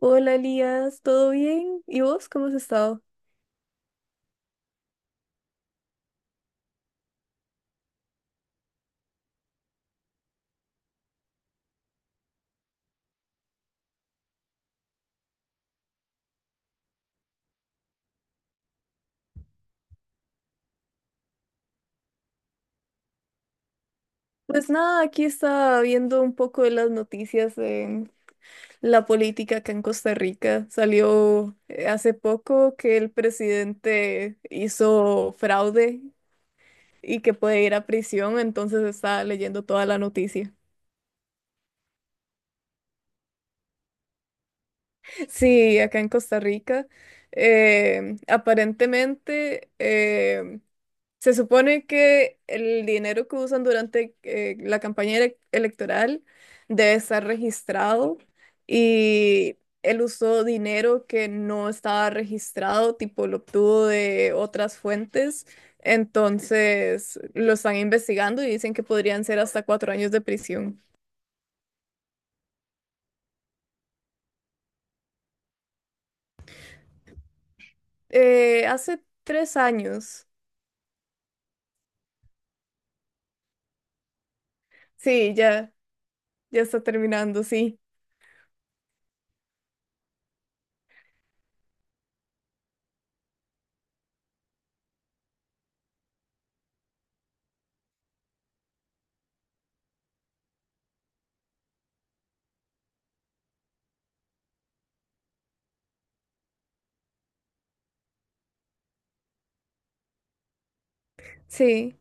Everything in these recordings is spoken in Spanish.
Hola Elías, ¿todo bien? ¿Y vos cómo has estado? Pues nada, aquí estaba viendo un poco de las noticias de la política acá en Costa Rica. Salió hace poco que el presidente hizo fraude y que puede ir a prisión, entonces estaba leyendo toda la noticia. Sí, acá en Costa Rica. Aparentemente, se supone que el dinero que usan durante la electoral debe estar registrado y él usó dinero que no estaba registrado, tipo lo obtuvo de otras fuentes, entonces lo están investigando y dicen que podrían ser hasta 4 años de prisión. Hace 3 años, sí, ya, ya está terminando, sí, sí.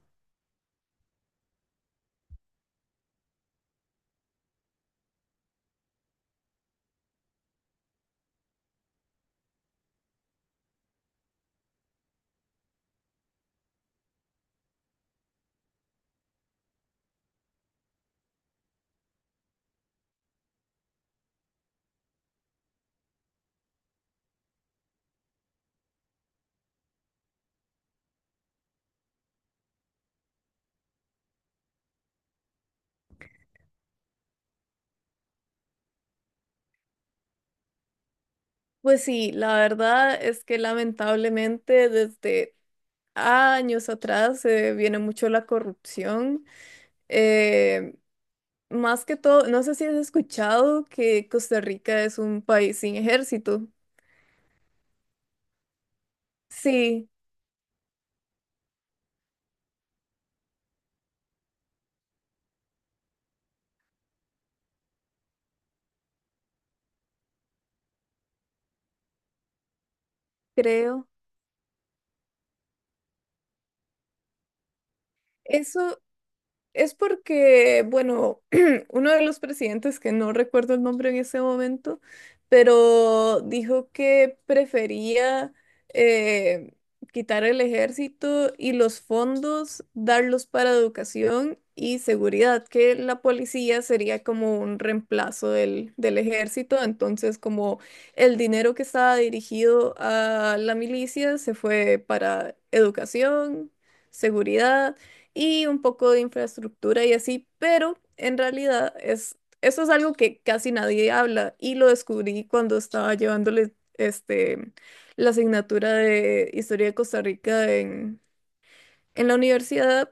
Pues sí, la verdad es que lamentablemente desde años atrás viene mucho la corrupción. Eh, Más que todo, no sé si has escuchado que Costa Rica es un país sin ejército. Sí, creo. Eso, es porque, bueno, uno de los presidentes, que no recuerdo el nombre en ese momento, pero dijo que prefería eh, quitar el ejército y los fondos, darlos para educación y seguridad, que la policía sería como un reemplazo del ejército. Entonces, como el dinero que estaba dirigido a la milicia se fue para educación, seguridad y un poco de infraestructura y así, pero en realidad es, eso es algo que casi nadie habla y lo descubrí cuando estaba llevándole este, la asignatura de Historia de Costa Rica en la universidad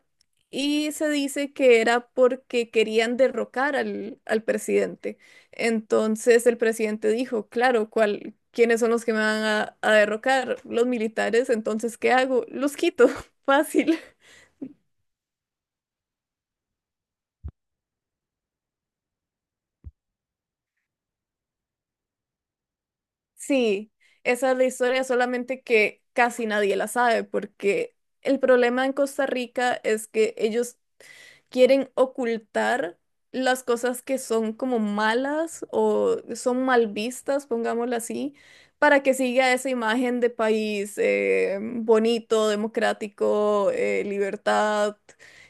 y se dice que era porque querían derrocar al presidente. Entonces el presidente dijo, claro, ¿cuál? ¿Quiénes son los que me van a derrocar? Los militares, entonces, ¿qué hago? Los quito, fácil. Sí, esa es la historia, solamente que casi nadie la sabe, porque el problema en Costa Rica es que ellos quieren ocultar las cosas que son como malas o son mal vistas, pongámoslo así, para que siga esa imagen de país bonito, democrático, libertad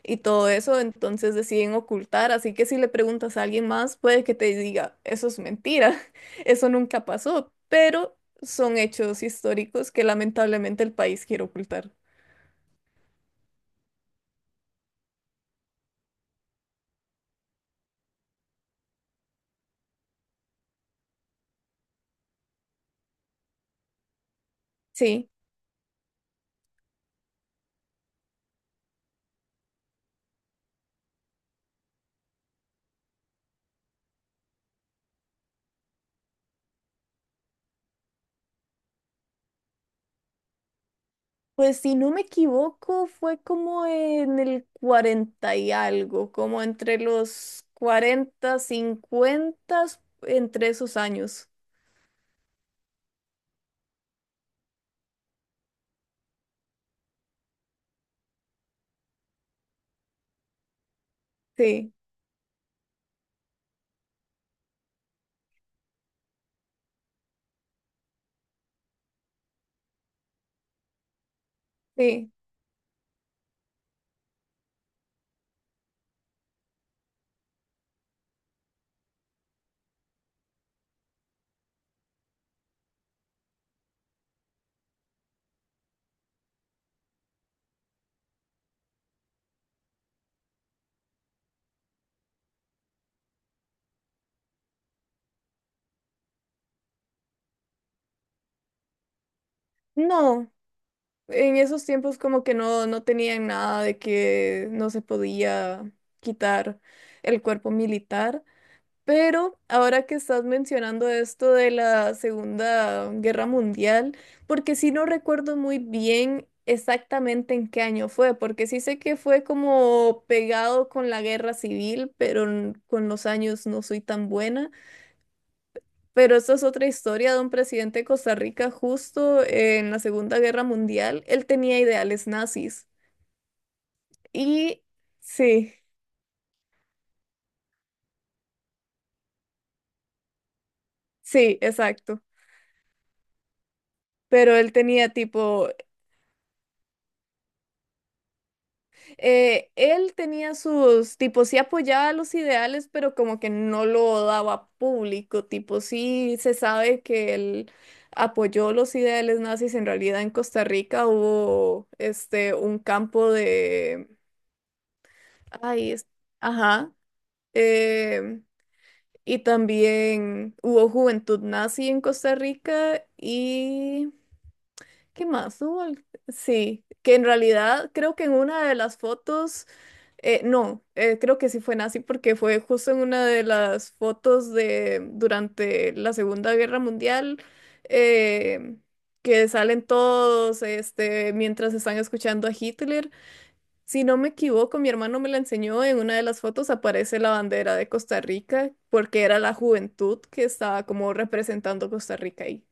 y todo eso. Entonces deciden ocultar. Así que si le preguntas a alguien más, puede que te diga, eso es mentira, eso nunca pasó, pero son hechos históricos que lamentablemente el país quiere ocultar. Sí. Pues si no me equivoco, fue como en el 40 y algo, como entre los 40, 50, entre esos años. Sí, sí. No, en esos tiempos como que no, no tenían nada de que no se podía quitar el cuerpo militar. Pero ahora que estás mencionando esto de la Segunda Guerra Mundial, porque sí no recuerdo muy bien exactamente en qué año fue, porque sí sé que fue como pegado con la guerra civil, pero con los años no soy tan buena. Pero esta es otra historia de un presidente de Costa Rica justo en la Segunda Guerra Mundial. Él tenía ideales nazis. Y sí, sí, exacto. Pero él tenía tipo él tenía sus, tipo, sí apoyaba los ideales, pero como que no lo daba público, tipo, sí se sabe que él apoyó los ideales nazis, en realidad en Costa Rica hubo, este, un campo de, ay, ajá, eh, y también hubo juventud nazi en Costa Rica y, ¿qué más hubo? Sí, que en realidad creo que en una de las fotos. No, creo que sí fue nazi porque fue justo en una de las fotos de durante la Segunda Guerra Mundial, eh, que salen todos este, mientras están escuchando a Hitler. Si no me equivoco, mi hermano me la enseñó, en una de las fotos aparece la bandera de Costa Rica porque era la juventud que estaba como representando Costa Rica ahí.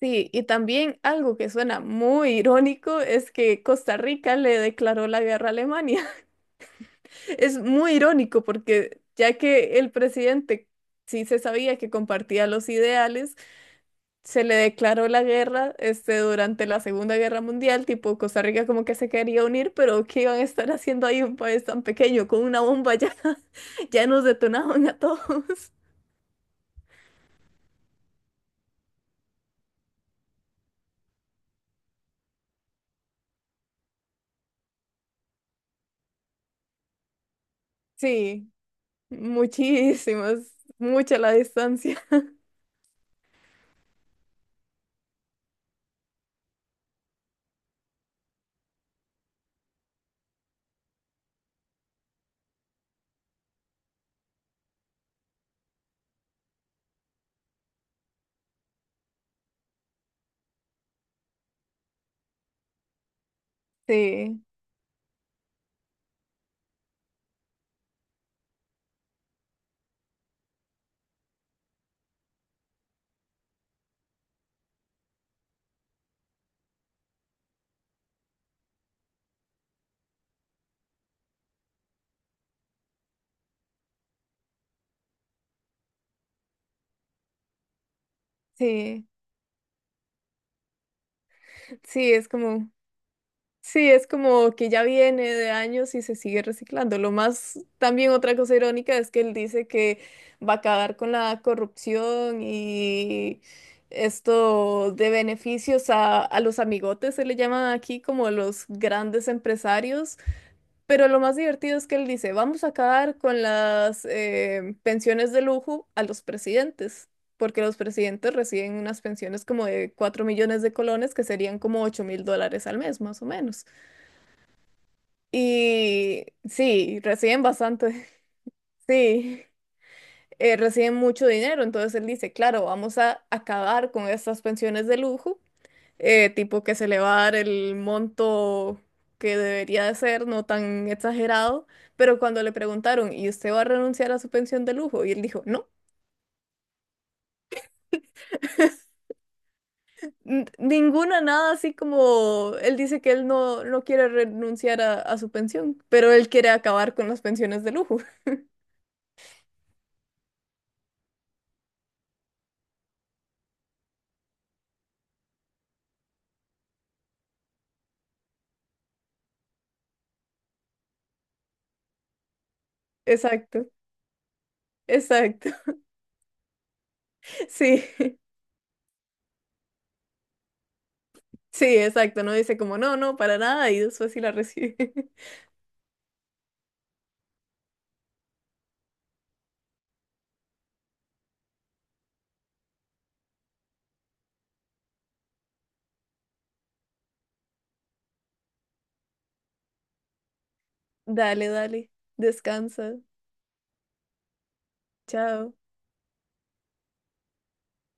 Sí, y también algo que suena muy irónico es que Costa Rica le declaró la guerra a Alemania. Es muy irónico porque ya que el presidente sí se sabía que compartía los ideales, se le declaró la guerra este, durante la Segunda Guerra Mundial, tipo Costa Rica como que se quería unir, pero ¿qué iban a estar haciendo ahí un país tan pequeño con una bomba ya? Ya nos detonaban a todos. Sí, muchísimas, mucha la distancia. Sí, sí, sí, es como... Sí, es como que ya viene de años y se sigue reciclando. Lo más, también otra cosa irónica es que él dice que va a acabar con la corrupción y esto de beneficios a los amigotes, se le llaman aquí como los grandes empresarios. Pero lo más divertido es que él dice, vamos a acabar con las pensiones de lujo a los presidentes. Porque los presidentes reciben unas pensiones como de 4 millones de colones, que serían como 8000 dólares al mes, más o menos. Y sí, reciben bastante, sí, reciben mucho dinero. Entonces él dice, claro, vamos a acabar con estas pensiones de lujo, tipo que se le va a dar el monto que debería de ser, no tan exagerado. Pero cuando le preguntaron, ¿y usted va a renunciar a su pensión de lujo? Y él dijo, no, ninguna, nada así como él dice que él no, no quiere renunciar a su pensión, pero él quiere acabar con las pensiones de lujo. Exacto, exacto, sí. Sí, exacto, no dice como no, no, para nada y después sí la recibe. Dale, dale, descansa, chao.